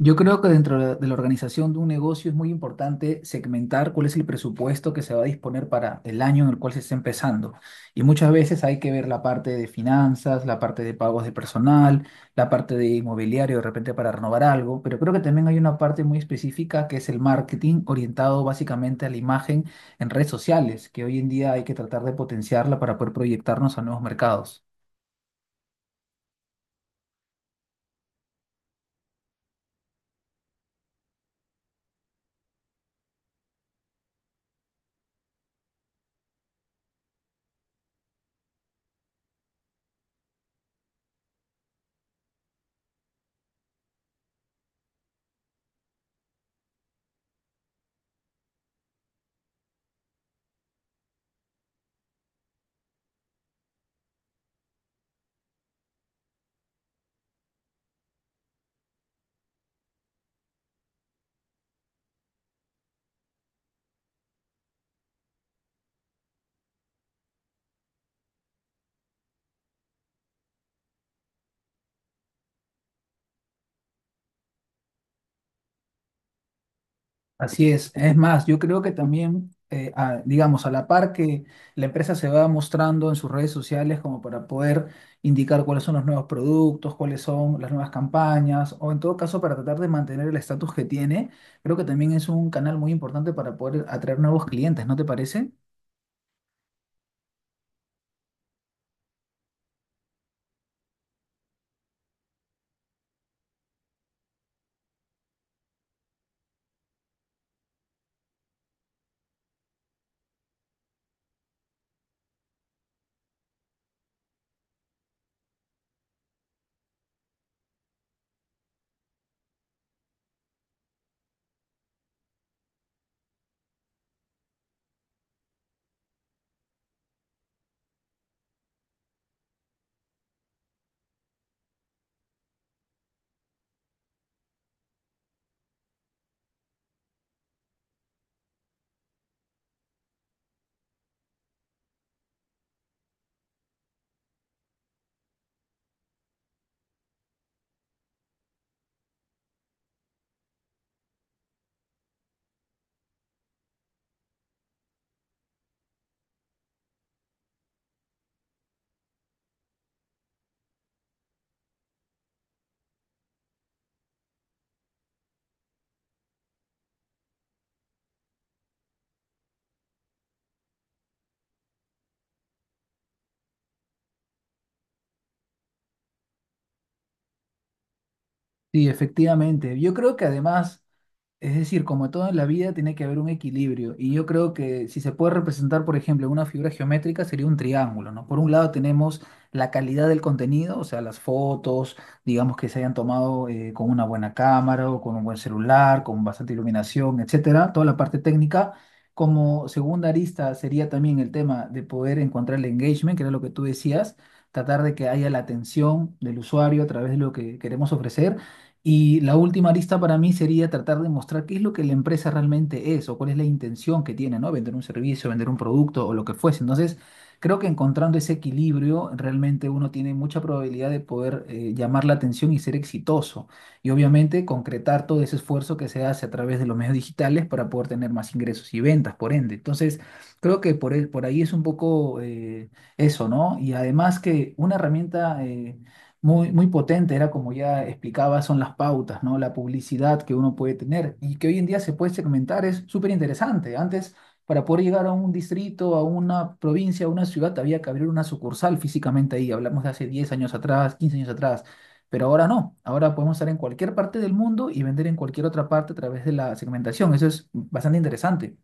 Yo creo que dentro de la organización de un negocio es muy importante segmentar cuál es el presupuesto que se va a disponer para el año en el cual se está empezando. Y muchas veces hay que ver la parte de finanzas, la parte de pagos de personal, la parte de inmobiliario de repente para renovar algo, pero creo que también hay una parte muy específica que es el marketing orientado básicamente a la imagen en redes sociales, que hoy en día hay que tratar de potenciarla para poder proyectarnos a nuevos mercados. Así es. Es más, yo creo que también, digamos, a la par que la empresa se va mostrando en sus redes sociales como para poder indicar cuáles son los nuevos productos, cuáles son las nuevas campañas, o en todo caso para tratar de mantener el estatus que tiene, creo que también es un canal muy importante para poder atraer nuevos clientes, ¿no te parece? Sí, efectivamente. Yo creo que además, es decir, como todo en la vida, tiene que haber un equilibrio. Y yo creo que si se puede representar, por ejemplo, en una figura geométrica, sería un triángulo, ¿no? Por un lado tenemos la calidad del contenido, o sea, las fotos, digamos que se hayan tomado con una buena cámara o con un buen celular, con bastante iluminación, etcétera, toda la parte técnica. Como segunda arista sería también el tema de poder encontrar el engagement, que era lo que tú decías, tratar de que haya la atención del usuario a través de lo que queremos ofrecer. Y la última arista para mí sería tratar de mostrar qué es lo que la empresa realmente es o cuál es la intención que tiene, ¿no? Vender un servicio, vender un producto o lo que fuese. Entonces, creo que encontrando ese equilibrio, realmente uno tiene mucha probabilidad de poder llamar la atención y ser exitoso. Y obviamente concretar todo ese esfuerzo que se hace a través de los medios digitales para poder tener más ingresos y ventas, por ende. Entonces, creo que por ahí es un poco eso, ¿no? Y además que una herramienta... muy potente, era como ya explicaba, son las pautas, ¿no? La publicidad que uno puede tener y que hoy en día se puede segmentar es súper interesante. Antes, para poder llegar a un distrito, a una provincia, a una ciudad, había que abrir una sucursal físicamente ahí. Hablamos de hace 10 años atrás, 15 años atrás, pero ahora no. Ahora podemos estar en cualquier parte del mundo y vender en cualquier otra parte a través de la segmentación. Eso es bastante interesante.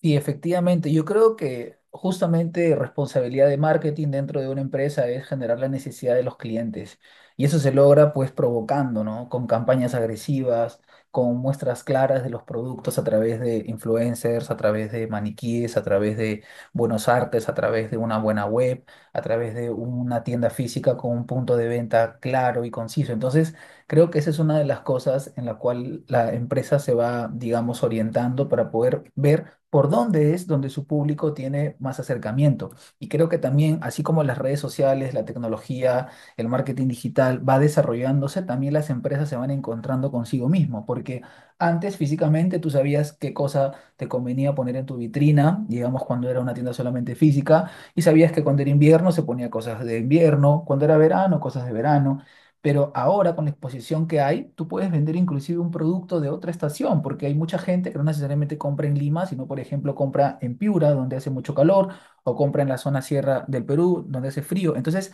Sí, efectivamente. Yo creo que justamente responsabilidad de marketing dentro de una empresa es generar la necesidad de los clientes. Y eso se logra pues provocando, ¿no? Con campañas agresivas, con muestras claras de los productos a través de influencers, a través de maniquíes, a través de buenos artes, a través de una buena web, a través de una tienda física con un punto de venta claro y conciso. Entonces, creo que esa es una de las cosas en la cual la empresa se va, digamos, orientando para poder ver por dónde es donde su público tiene más acercamiento. Y creo que también, así como las redes sociales, la tecnología, el marketing digital va desarrollándose, también las empresas se van encontrando consigo mismo, porque antes físicamente tú sabías qué cosa te convenía poner en tu vitrina, digamos cuando era una tienda solamente física, y sabías que cuando era invierno se ponía cosas de invierno, cuando era verano, cosas de verano. Pero ahora con la exposición que hay, tú puedes vender inclusive un producto de otra estación, porque hay mucha gente que no necesariamente compra en Lima, sino por ejemplo compra en Piura, donde hace mucho calor, o compra en la zona sierra del Perú, donde hace frío. Entonces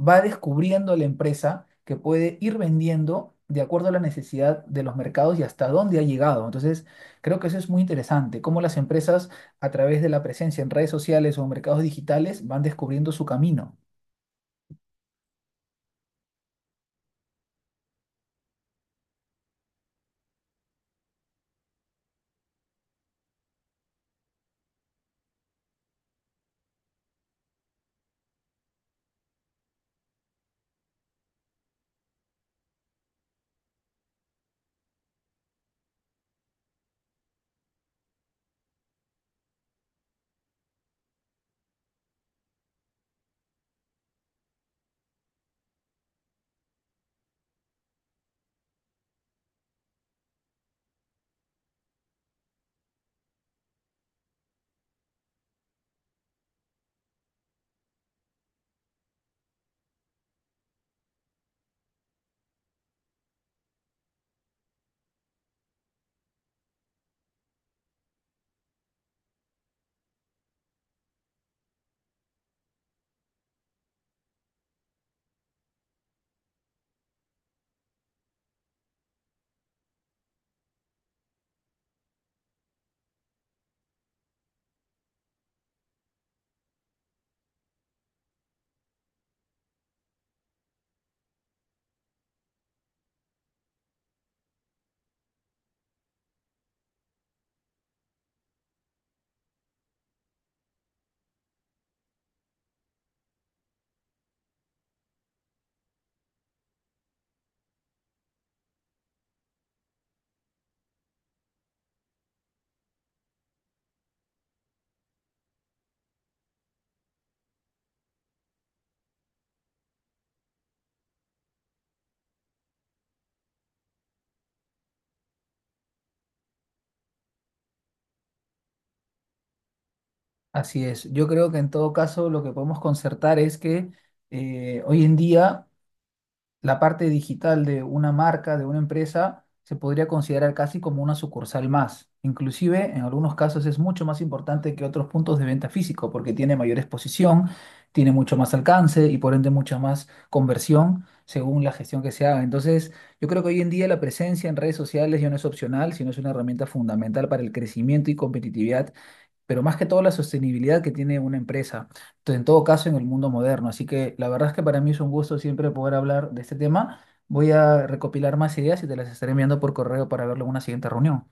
va descubriendo la empresa que puede ir vendiendo de acuerdo a la necesidad de los mercados y hasta dónde ha llegado. Entonces creo que eso es muy interesante, cómo las empresas a través de la presencia en redes sociales o mercados digitales van descubriendo su camino. Así es. Yo creo que en todo caso lo que podemos concertar es que hoy en día la parte digital de una marca, de una empresa, se podría considerar casi como una sucursal más. Inclusive en algunos casos es mucho más importante que otros puntos de venta físico porque tiene mayor exposición, tiene mucho más alcance y por ende mucha más conversión según la gestión que se haga. Entonces, yo creo que hoy en día la presencia en redes sociales ya no es opcional, sino es una herramienta fundamental para el crecimiento y competitividad, pero más que todo la sostenibilidad que tiene una empresa, en todo caso en el mundo moderno. Así que la verdad es que para mí es un gusto siempre poder hablar de este tema. Voy a recopilar más ideas y te las estaré enviando por correo para verlo en una siguiente reunión.